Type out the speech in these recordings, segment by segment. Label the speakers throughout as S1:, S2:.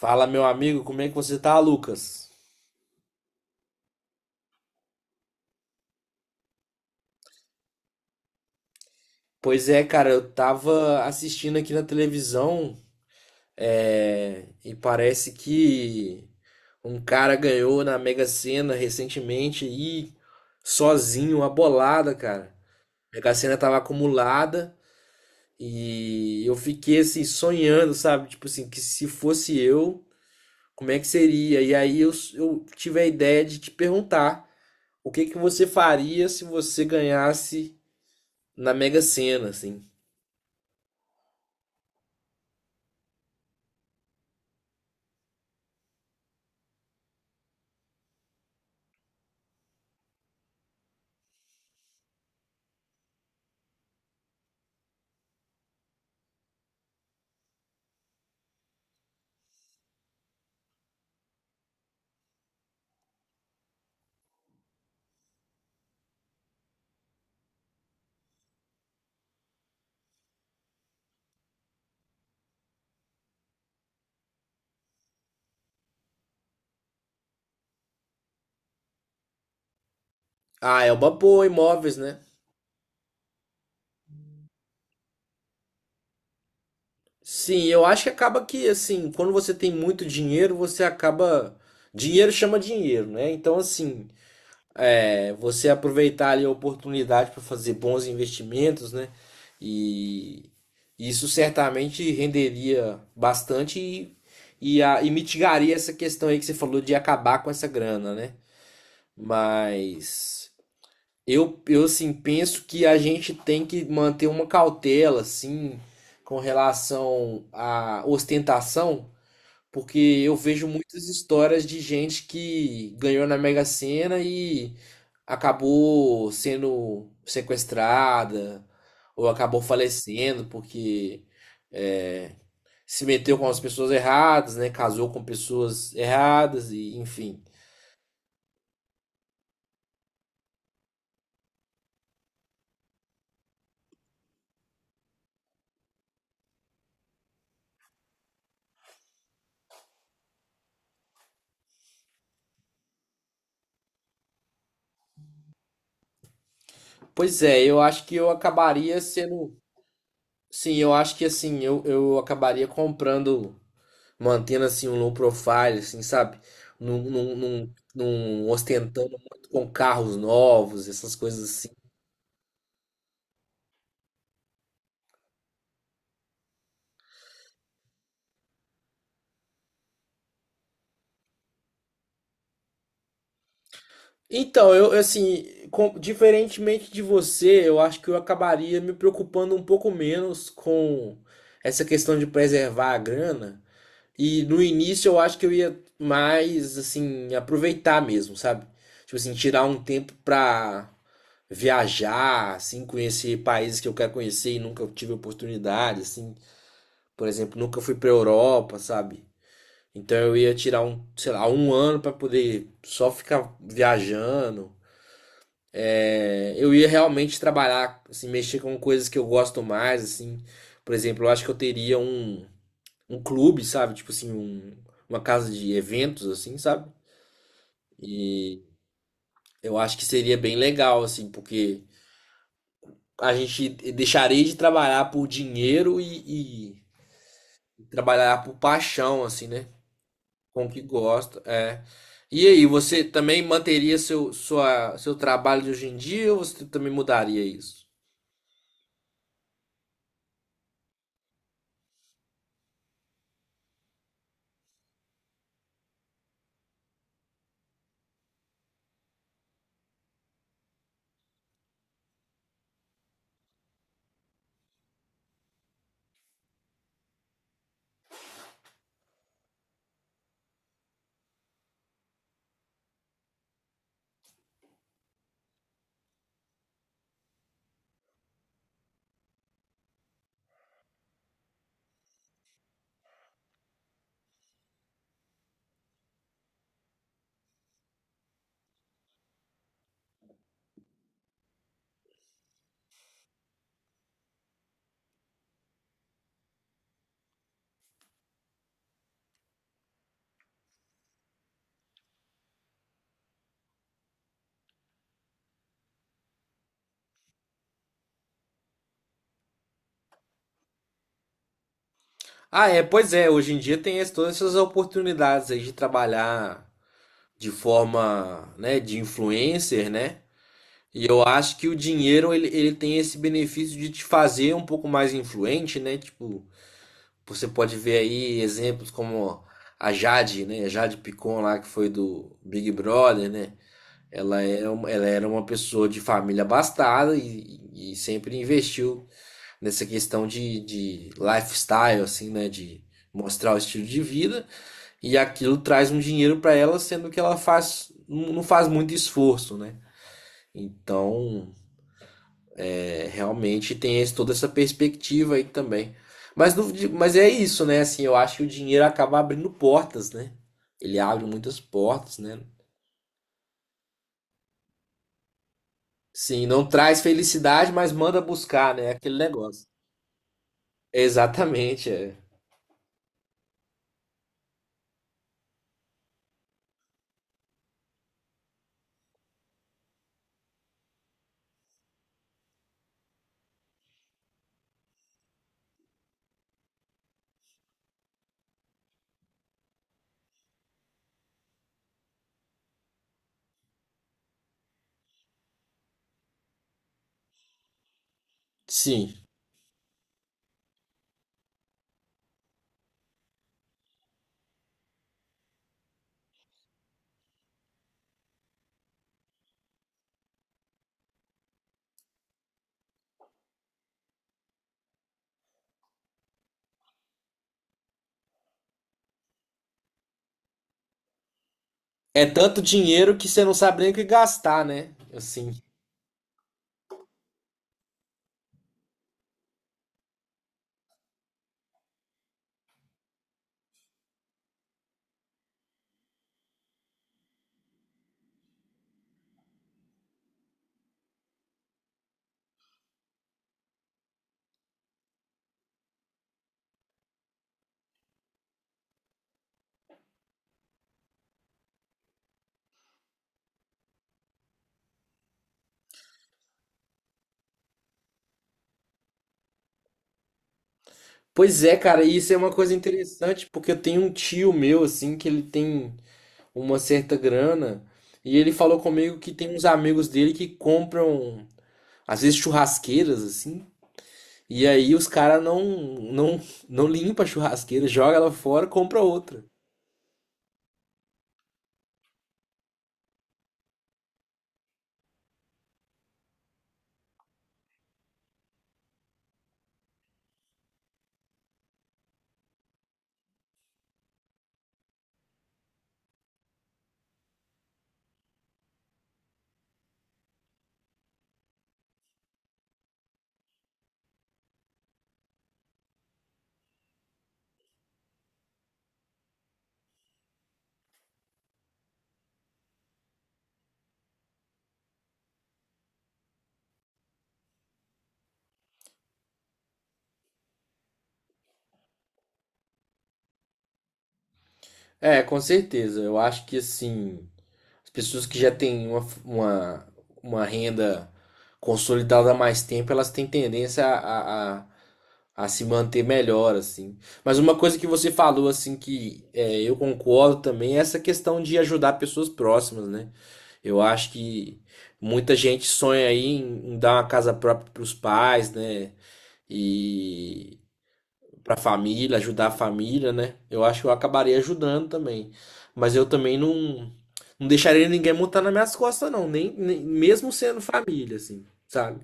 S1: Fala, meu amigo, como é que você tá, Lucas? Pois é, cara, eu tava assistindo aqui na televisão, e parece que um cara ganhou na Mega Sena recentemente aí, sozinho, uma bolada, cara. A Mega Sena tava acumulada e eu fiquei assim sonhando, sabe? Tipo assim, que se fosse eu, como é que seria? E aí eu tive a ideia de te perguntar o que que você faria se você ganhasse na Mega Sena, assim. Ah, é uma boa, imóveis, né? Sim, eu acho que acaba que, assim, quando você tem muito dinheiro, você acaba. Dinheiro chama dinheiro, né? Então, assim, é, você aproveitar ali a oportunidade para fazer bons investimentos, né? E isso certamente renderia bastante e mitigaria essa questão aí que você falou de acabar com essa grana, né? Mas. Eu assim, penso que a gente tem que manter uma cautela, assim, com relação à ostentação, porque eu vejo muitas histórias de gente que ganhou na Mega Sena e acabou sendo sequestrada ou acabou falecendo porque é, se meteu com as pessoas erradas, né? Casou com pessoas erradas e enfim. Pois é, eu acho que eu acabaria sendo. Sim, eu acho que assim, eu acabaria comprando, mantendo assim um low profile, assim, sabe? Não, ostentando muito com carros novos, essas coisas assim. Então, eu assim, diferentemente de você, eu acho que eu acabaria me preocupando um pouco menos com essa questão de preservar a grana. E no início eu acho que eu ia mais assim aproveitar mesmo, sabe? Tipo assim, tirar um tempo pra viajar, assim, conhecer países que eu quero conhecer e nunca tive oportunidade, assim. Por exemplo, nunca fui pra Europa, sabe? Então eu ia tirar um, sei lá, um ano pra poder só ficar viajando. É, eu ia realmente trabalhar, assim, mexer com coisas que eu gosto mais, assim. Por exemplo, eu acho que eu teria um clube, sabe? Tipo assim, um, uma casa de eventos, assim, sabe? E eu acho que seria bem legal, assim, porque a gente deixaria de trabalhar por dinheiro e trabalhar por paixão, assim, né? Com o que gosta. É. E aí, você também manteria seu trabalho de hoje em dia ou você também mudaria isso? Ah, é, pois é, hoje em dia tem todas essas oportunidades aí de trabalhar de forma, né, de influencer, né? E eu acho que o dinheiro ele tem esse benefício de te fazer um pouco mais influente, né? Tipo, você pode ver aí exemplos como a Jade, né? A Jade Picon lá, que foi do Big Brother, né? Ela era, ela era uma pessoa de família abastada e sempre investiu nessa questão de lifestyle, assim, né? De mostrar o estilo de vida e aquilo traz um dinheiro para ela, sendo que ela faz, não faz muito esforço, né? Então, é, realmente tem toda essa perspectiva aí também. Mas, no- mas é isso, né? Assim, eu acho que o dinheiro acaba abrindo portas, né? Ele abre muitas portas, né? Sim, não traz felicidade, mas manda buscar, né? Aquele negócio. Exatamente, é. Sim. É tanto dinheiro que você não sabe nem o que gastar, né? Assim. Pois é, cara, e isso é uma coisa interessante, porque eu tenho um tio meu, assim, que ele tem uma certa grana, e ele falou comigo que tem uns amigos dele que compram às vezes churrasqueiras, assim. E aí os caras não, não limpa a churrasqueira, joga ela fora, compra outra. É, com certeza. Eu acho que assim, as pessoas que já têm uma renda consolidada há mais tempo, elas têm tendência a se manter melhor, assim. Mas uma coisa que você falou, assim, que é, eu concordo também, é essa questão de ajudar pessoas próximas, né? Eu acho que muita gente sonha aí em dar uma casa própria para os pais, né? E para a família, ajudar a família, né? Eu acho que eu acabaria ajudando também. Mas eu também não deixaria ninguém montar nas minhas costas, não. Mesmo sendo família, assim, sabe?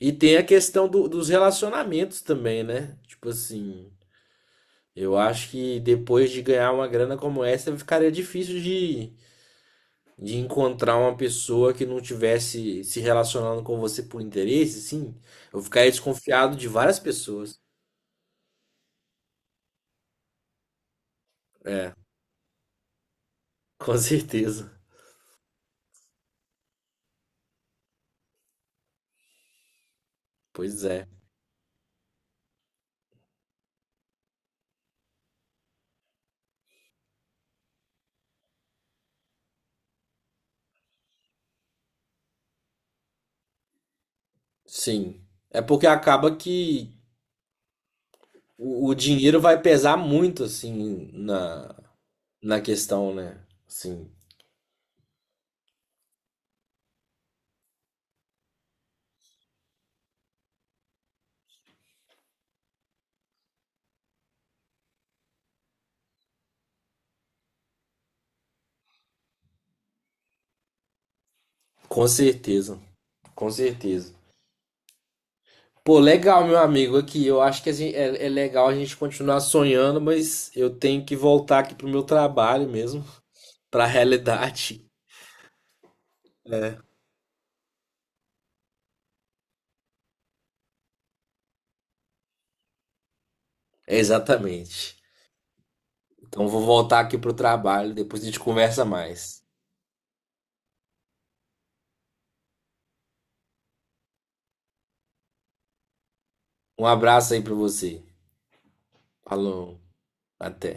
S1: E tem a questão dos relacionamentos também, né? Tipo assim, eu acho que depois de ganhar uma grana como essa, ficaria difícil de encontrar uma pessoa que não tivesse se relacionando com você por interesse, sim. Eu ficaria desconfiado de várias pessoas. É, com certeza. Pois é. Sim. É porque acaba que o dinheiro vai pesar muito, assim, na, na questão, né? Sim. Com certeza. Com certeza. Pô, legal, meu amigo, aqui. Eu acho que é, é legal a gente continuar sonhando, mas eu tenho que voltar aqui pro meu trabalho mesmo, pra realidade. É. Exatamente. Então vou voltar aqui pro trabalho, depois a gente conversa mais. Um abraço aí pra você. Falou, até.